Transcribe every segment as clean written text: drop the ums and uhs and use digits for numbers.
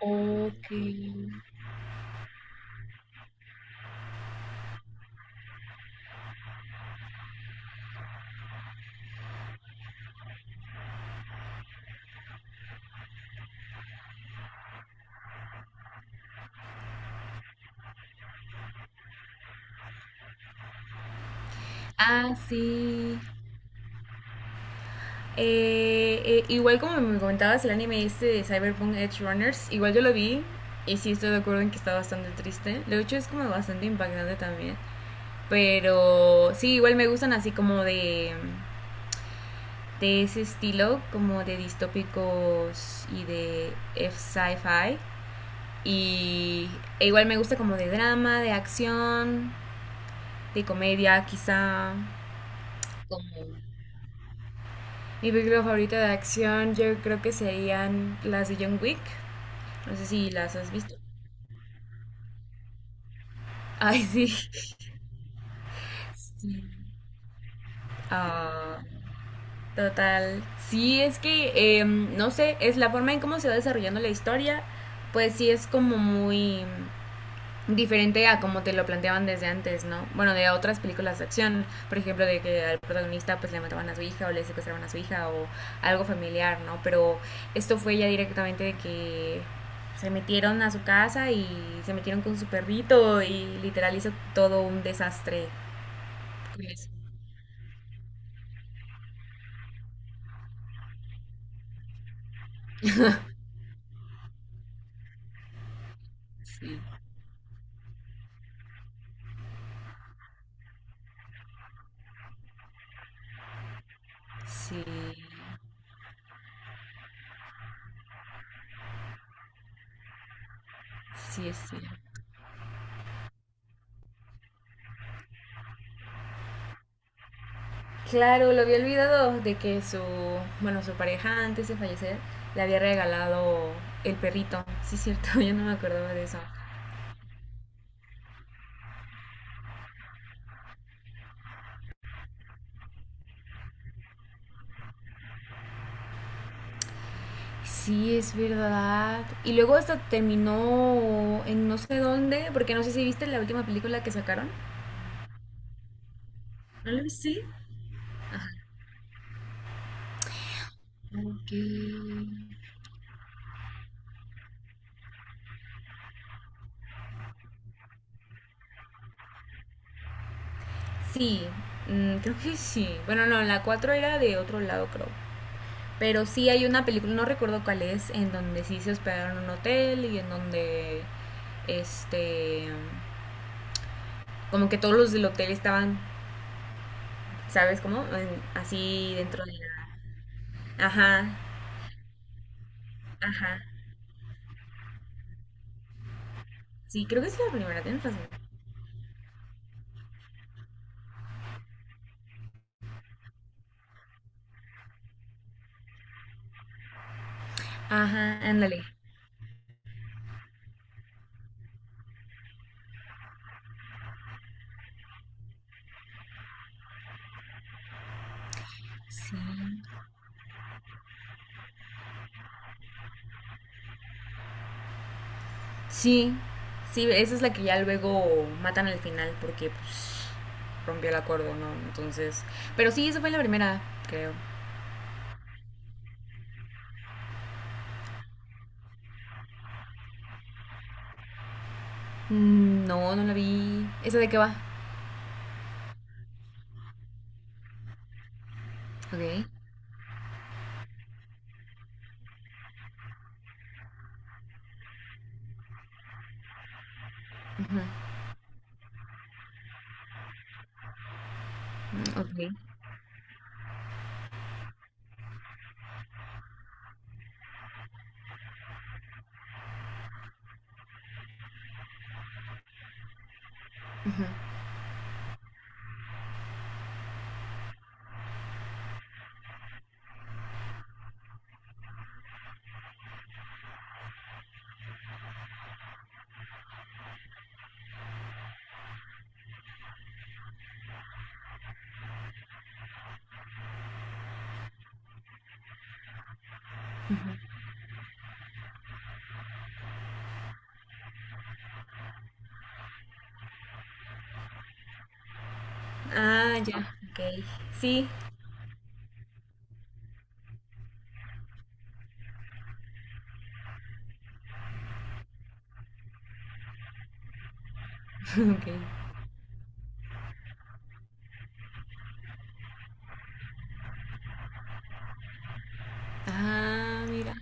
Ok. Ah, sí. Igual como me comentabas, el anime este de Cyberpunk Edge Runners, igual yo lo vi y sí estoy de acuerdo en que está bastante triste. Lo hecho es como bastante impactante también. Pero sí, igual me gustan así como de ese estilo, como de distópicos y de F sci-fi. Y igual me gusta como de drama, de acción, de comedia quizá. Como Mi película favorita de acción yo creo que serían las de John Wick. No sé si las has visto. Ay, sí. Sí. Ah, total. Sí, es que, no sé, es la forma en cómo se va desarrollando la historia, pues sí es como muy diferente a como te lo planteaban desde antes, ¿no? Bueno, de otras películas de acción, por ejemplo, de que al protagonista pues le mataban a su hija o le secuestraban a su hija o algo familiar, ¿no? Pero esto fue ya directamente de que se metieron a su casa y se metieron con su perrito y literal hizo todo un desastre. Pues, sí, sí, sí, sí. Claro, lo había olvidado de que su, bueno, su pareja antes de fallecer le había regalado el perrito. Sí, es cierto, yo no me acordaba de eso. Sí, es verdad. Y luego hasta terminó en no sé dónde, porque no sé si viste la última película que sacaron. ¿No lo viste? Ok. Sí, mm, creo que sí. Bueno, no, en la 4 era de otro lado, creo. Pero sí hay una película, no recuerdo cuál es, en donde sí se hospedaron en un hotel y en donde, este, como que todos los del hotel estaban, ¿sabes cómo? Así dentro de la... Ajá, ajá. Sí, creo que es la primera, tienes razón. Ajá, ándale. Sí. Sí, sí, esa es la que ya luego matan al final porque pues, rompió el acuerdo, ¿no? Entonces... Pero sí, esa fue la primera, creo. Mm, no, no la vi. ¿Esa de qué va? Ok. Ujú, ok, ujú, ujú. Ah, ya, ok. Sí, ok. Ah, mira.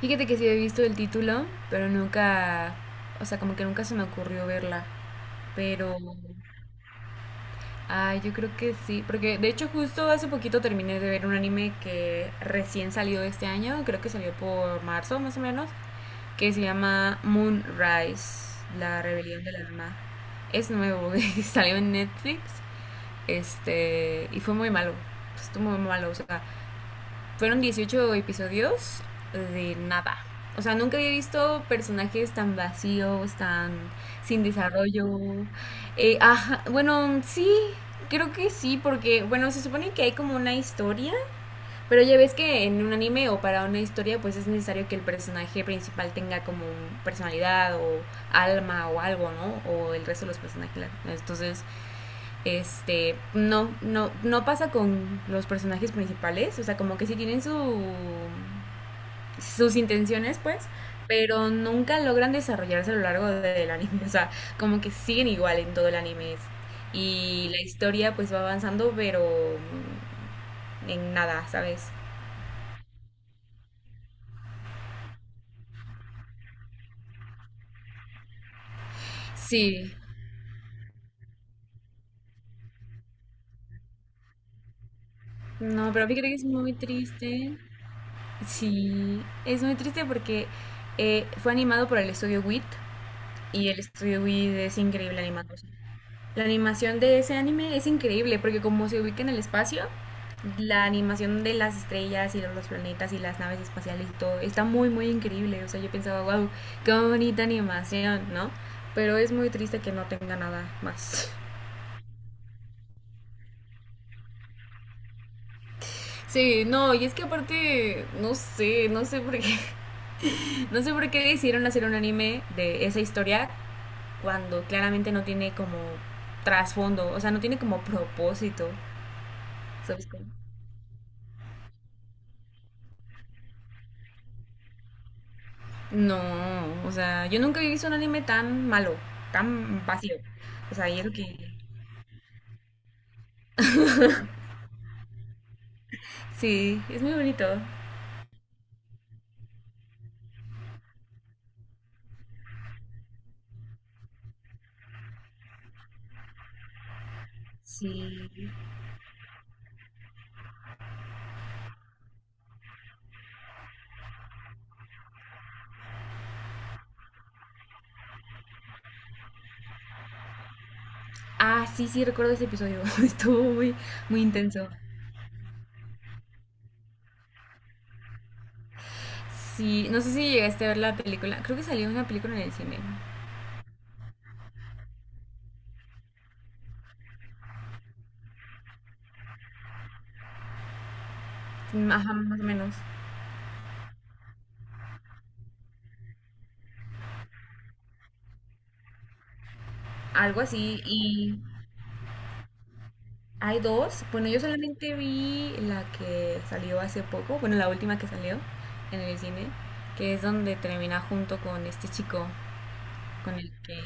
Fíjate que sí he visto el título, pero nunca, o sea, como que nunca se me ocurrió verla. Pero, ah, yo creo que sí, porque de hecho justo hace poquito terminé de ver un anime que recién salió este año, creo que salió por marzo más o menos, que se llama Moonrise, la rebelión de la luna. Es nuevo, salió en Netflix. Este, y fue muy malo. Estuvo muy malo. O sea, fueron 18 episodios de nada. O sea, nunca había visto personajes tan vacíos, tan sin desarrollo. Ajá, bueno, sí, creo que sí, porque, bueno, se supone que hay como una historia, pero ya ves que en un anime o para una historia, pues es necesario que el personaje principal tenga como personalidad o alma o algo, ¿no? O el resto de los personajes. Entonces, este, no, no, no pasa con los personajes principales, o sea, como que sí tienen su, sus intenciones, pues, pero nunca logran desarrollarse a lo largo del anime, o sea, como que siguen igual en todo el anime. Y la historia pues va avanzando, pero en nada, ¿sabes? Sí, no, pero fíjate que es muy triste. Sí, es muy triste porque fue animado por el estudio WIT y el estudio WIT es increíble animando. La animación de ese anime es increíble porque como se ubica en el espacio, la animación de las estrellas y los planetas y las naves espaciales y todo está muy muy increíble. O sea, yo pensaba, wow, qué bonita animación, ¿no? Pero es muy triste que no tenga nada más. Sí, no, y es que aparte, no sé, no sé por qué. No sé por qué decidieron hacer un anime de esa historia cuando claramente no tiene como trasfondo, o sea, no tiene como propósito, ¿sabes cómo? No, o sea, yo nunca había visto un anime tan malo, tan vacío. O sea, y eso que... Sí, es muy bonito. Sí. Ah, sí, sí, recuerdo ese episodio. Estuvo muy, muy intenso. Sí, no sé si llegaste a ver la película. Creo que salió una película en el cine. Ajá, más o menos. Algo así. Y hay dos. Bueno, yo solamente vi la que salió hace poco. Bueno, la última que salió en el cine. Que es donde termina junto con este chico con el que...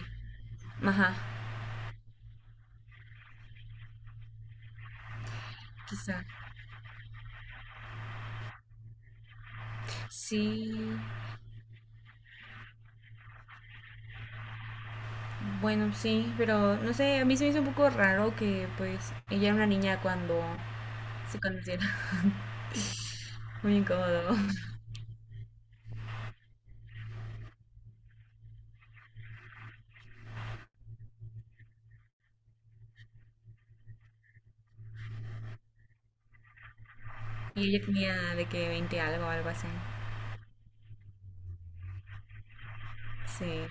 Ajá. Quizá. Sí, bueno, sí, pero no sé, a mí se me hizo un poco raro que pues ella era una niña cuando se conocieron. Muy incómodo. Y ella tenía de que 20 algo, algo así. Sí,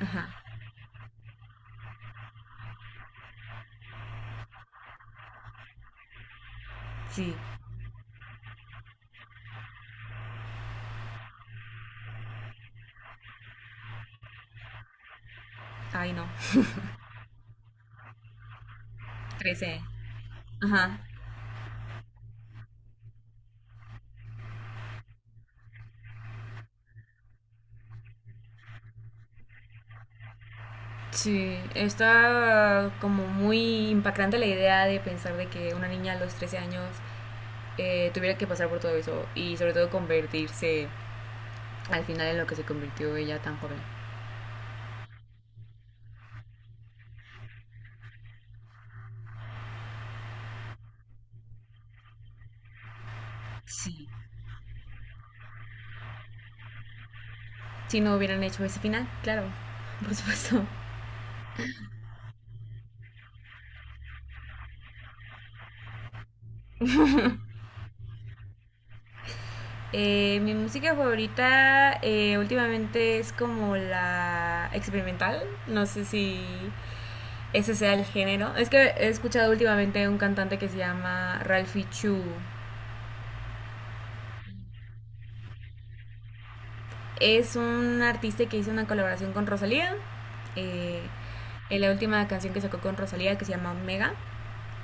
ajá, sí. Ay, no, trece. Ajá. Sí, está como muy impactante la idea de pensar de que una niña a los 13 años tuviera que pasar por todo eso y sobre todo convertirse al final en lo que se convirtió ella tan joven. Sí. Si no hubieran hecho ese final, claro, por supuesto. Mi música favorita últimamente es como la experimental, no sé si ese sea el género. Es que he escuchado últimamente un cantante que se llama Ralphie Chu. Es un artista que hizo una colaboración con Rosalía. Eh, en la última canción que sacó con Rosalía, que se llama Omega,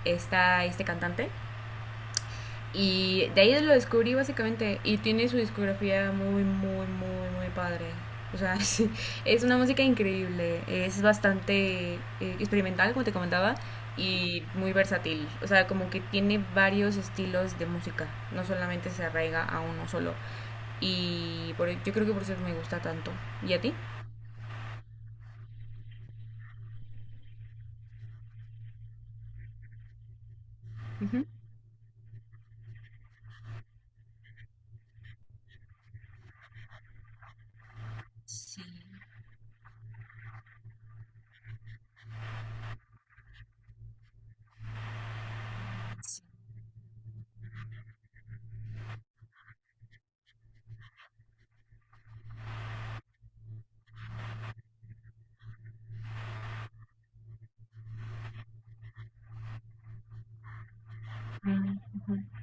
está este cantante. Y de ahí lo descubrí básicamente. Y tiene su discografía muy, muy, muy, muy padre. O sea, es una música increíble. Es bastante experimental, como te comentaba, y muy versátil. O sea, como que tiene varios estilos de música. No solamente se arraiga a uno solo. Y por, yo creo que por eso me gusta tanto. ¿Y a ti? Ujú. Sí. Mm, ujú.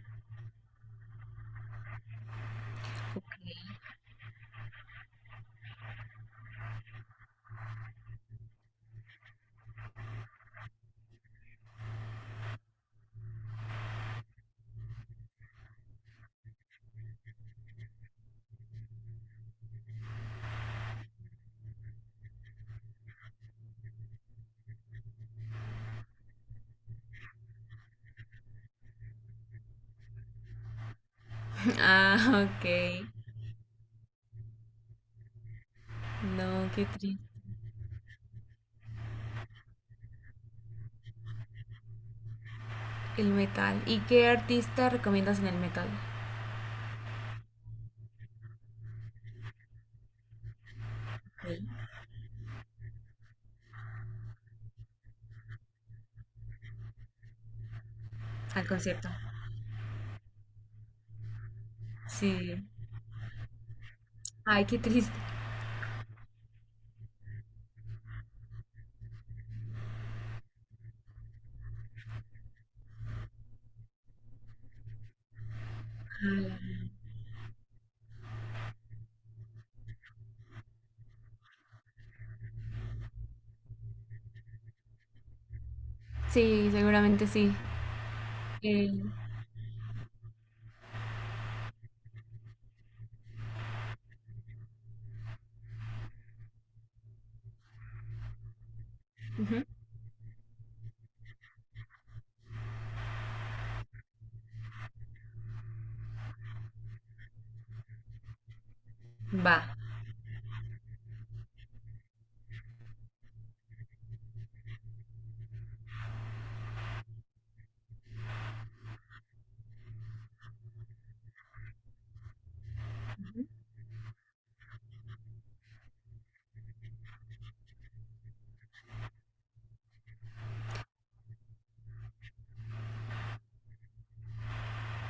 Ah, ok. No, qué triste. El metal. ¿Y qué artista recomiendas en el metal? Ok. Al concierto. Sí. Ay, qué triste. Ala. Sí, seguramente sí. Eh, ujú. Va.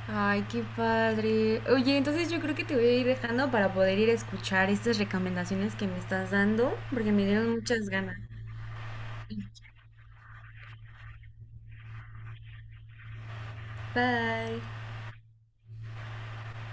Ay, qué padre. Oye, entonces yo creo que te voy a ir dejando para poder ir a escuchar estas recomendaciones que me estás dando, porque me dieron muchas ganas. Bye.